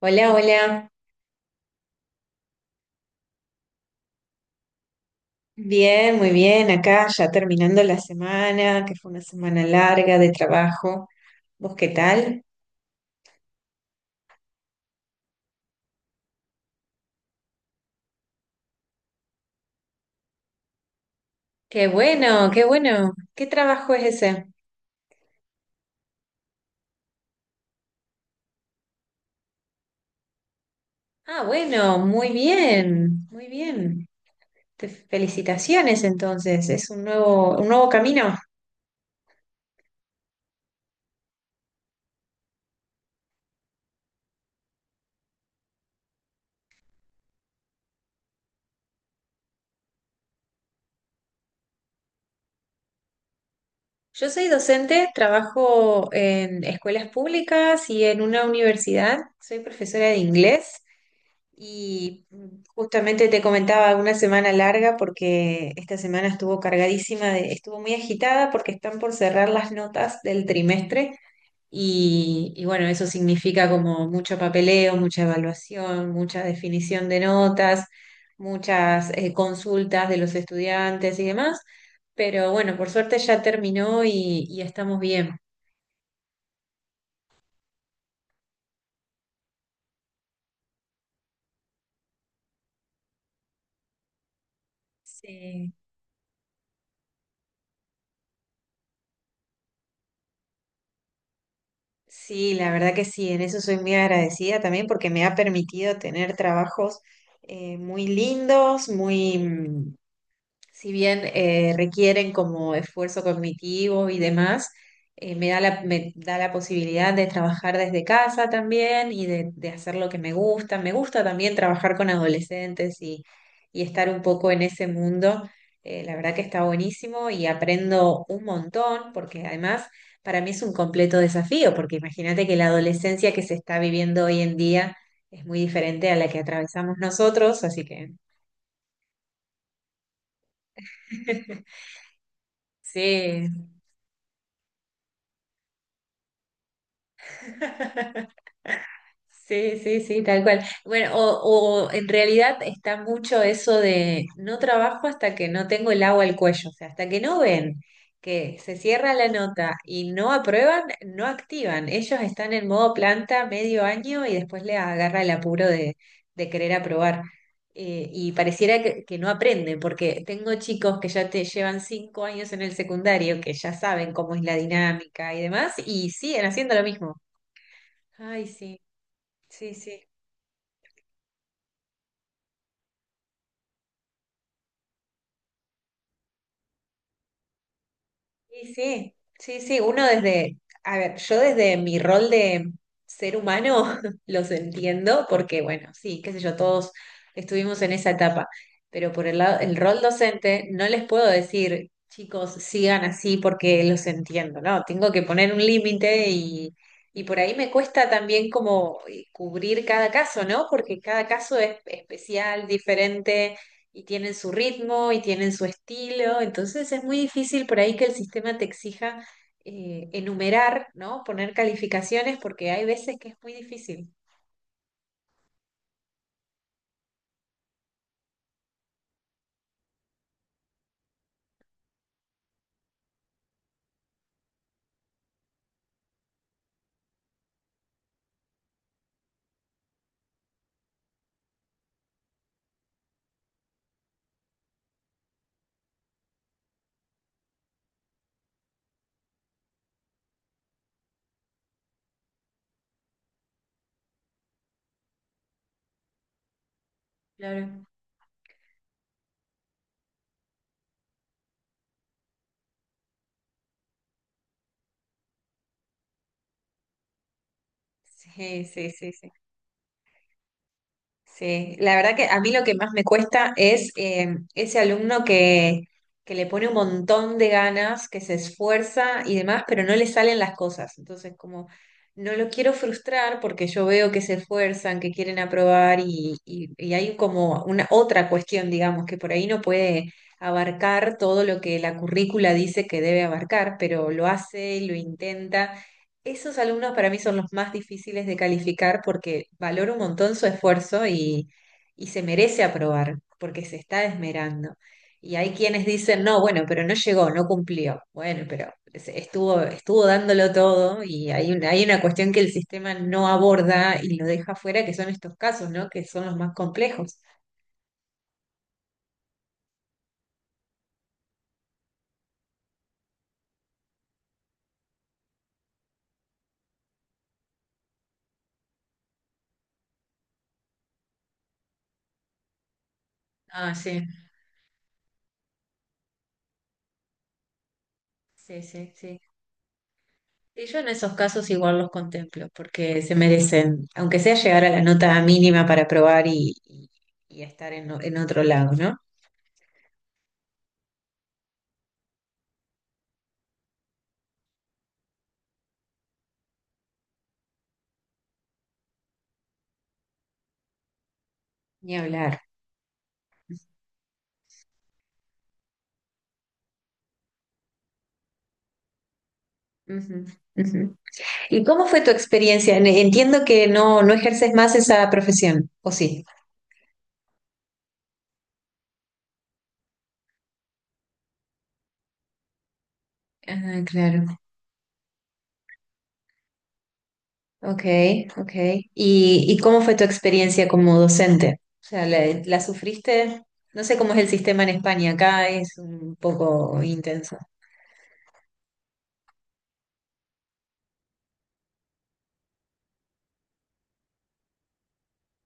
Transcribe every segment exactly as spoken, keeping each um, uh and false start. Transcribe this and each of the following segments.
Hola, hola. Bien, muy bien. Acá ya terminando la semana, que fue una semana larga de trabajo. ¿Vos qué tal? Qué bueno, qué bueno. ¿Qué trabajo es ese? Ah, bueno, muy bien, muy bien. Te felicitaciones entonces. Es un nuevo, un nuevo camino. Yo soy docente, trabajo en escuelas públicas y en una universidad. Soy profesora de inglés. Y justamente te comentaba una semana larga porque esta semana estuvo cargadísima, de- estuvo muy agitada porque están por cerrar las notas del trimestre y, y bueno, eso significa como mucho papeleo, mucha evaluación, mucha definición de notas, muchas eh, consultas de los estudiantes y demás. Pero bueno, por suerte ya terminó y, y estamos bien. Sí. Sí, la verdad que sí, en eso soy muy agradecida también porque me ha permitido tener trabajos eh, muy lindos, muy, mm, si bien eh, requieren como esfuerzo cognitivo y demás, eh, me da la, me da la posibilidad de trabajar desde casa también y de, de hacer lo que me gusta. Me gusta también trabajar con adolescentes y, y estar un poco en ese mundo. Eh, la verdad que está buenísimo y aprendo un montón porque además para mí es un completo desafío, porque imagínate que la adolescencia que se está viviendo hoy en día es muy diferente a la que atravesamos nosotros, así que sí, sí, sí, sí, tal cual. Bueno, o, o en realidad está mucho eso de no trabajo hasta que no tengo el agua al cuello, o sea, hasta que no ven que se cierra la nota y no aprueban, no activan. Ellos están en modo planta medio año y después les agarra el apuro de, de querer aprobar. Eh, y pareciera que, que no aprenden, porque tengo chicos que ya te llevan cinco años en el secundario, que ya saben cómo es la dinámica y demás, y siguen haciendo lo mismo. Ay, sí, sí, sí. Sí, sí, sí, sí, uno desde, a ver, yo desde mi rol de ser humano los entiendo porque, bueno, sí, qué sé yo, todos estuvimos en esa etapa, pero por el lado, el rol docente no les puedo decir, chicos, sigan así porque los entiendo, ¿no? Tengo que poner un límite y, y por ahí me cuesta también como eh, cubrir cada caso, ¿no? Porque cada caso es especial, diferente y tienen su ritmo y tienen su estilo, entonces es muy difícil por ahí que el sistema te exija eh, enumerar, ¿no? Poner calificaciones porque hay veces que es muy difícil. Claro. Sí, sí, sí, sí. Sí, la verdad que a mí lo que más me cuesta es eh, ese alumno que, que le pone un montón de ganas, que se esfuerza y demás, pero no le salen las cosas. Entonces, como no lo quiero frustrar porque yo veo que se esfuerzan, que quieren aprobar y, y, y hay como una otra cuestión, digamos, que por ahí no puede abarcar todo lo que la currícula dice que debe abarcar, pero lo hace, lo intenta esos alumnos para mí son los más difíciles de calificar porque valoro un montón su esfuerzo y, y se merece aprobar porque se está esmerando. Y hay quienes dicen, no, bueno, pero no llegó, no cumplió. Bueno, pero se- estuvo, estuvo dándolo todo y hay una, hay una cuestión que el sistema no aborda y lo deja fuera, que son estos casos, ¿no? Que son los más complejos. Ah, sí, sí, sí, sí. Sí, yo en esos casos igual los contemplo, porque se merecen, aunque sea llegar a la nota mínima para probar y, y- y estar en, o- en otro lado, ¿no? Ni hablar. Ujú, ujú. ¿Y cómo fue tu experiencia? En- Entiendo que no, no ejerces más esa profesión, ¿o sí? Ah, claro. Ok, ok. ¿Y, y cómo fue tu experiencia como docente? O sea, ¿la, la sufriste? No sé cómo es el sistema en España, acá es un poco intenso.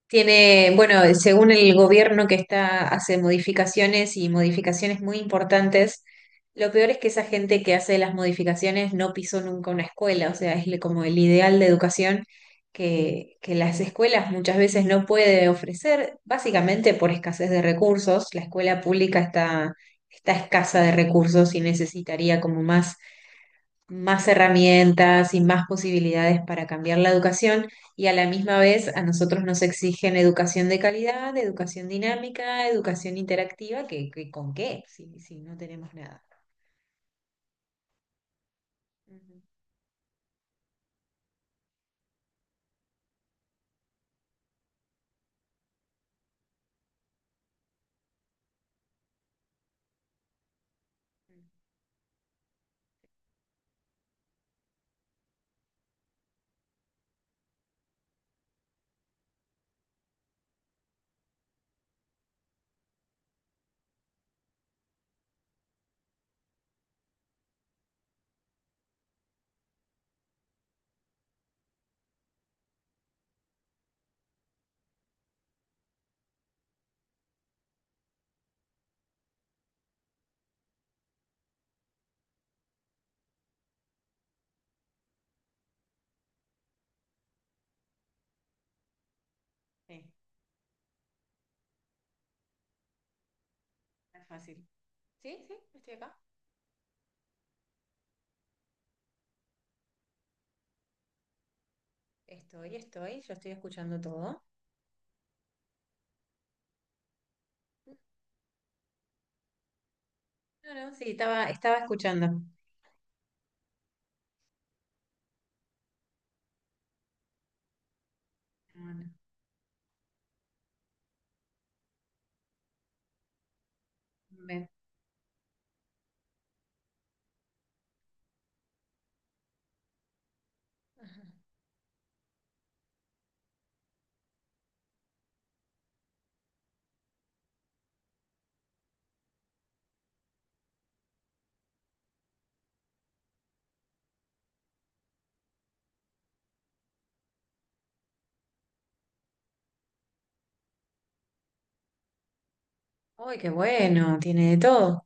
Tiene, bueno, según el gobierno que está, hace modificaciones y modificaciones muy importantes, lo peor es que esa gente que hace las modificaciones no pisó nunca una escuela, o sea, es le- como el ideal de educación que, que las escuelas muchas veces no puede ofrecer, básicamente por escasez de recursos. La escuela pública está, está escasa de recursos y necesitaría como más más herramientas y más posibilidades para cambiar la educación y a la misma vez a nosotros nos exigen educación de calidad, educación dinámica, educación interactiva, que, que- ¿con qué? Si, si no tenemos nada. Ujú, ujú. Sí, no es fácil. Sí, sí, estoy acá. Estoy, estoy, yo estoy escuchando todo. No, no, sí, estaba, estaba escuchando. Bueno, ven. Ajá. Uy, qué bueno, tiene de todo.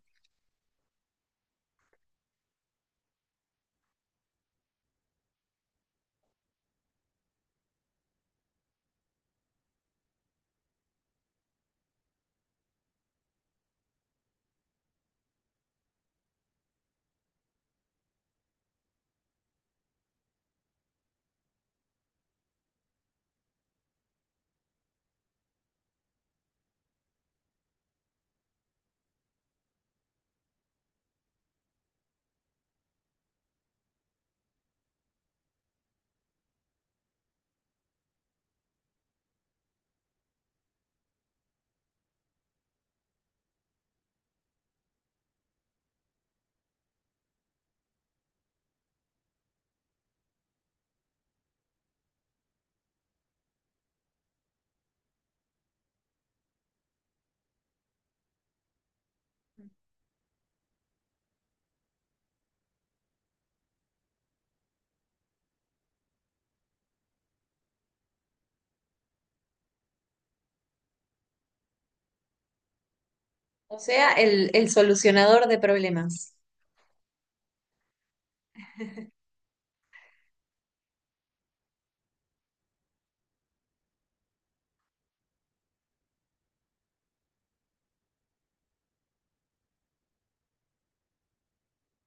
O sea, el, el solucionador de problemas.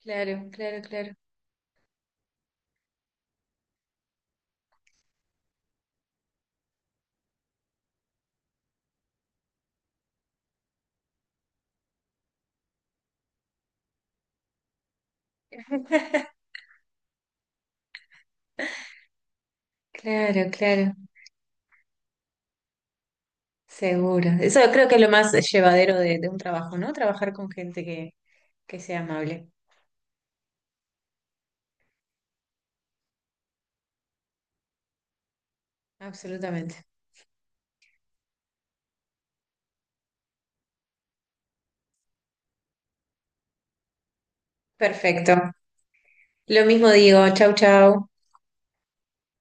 Claro, claro, claro. Claro, claro, seguro. Eso creo que es lo más llevadero de, de un trabajo, ¿no? Trabajar con gente que, que sea amable. Absolutamente. Perfecto. Lo mismo digo. Chau, chau.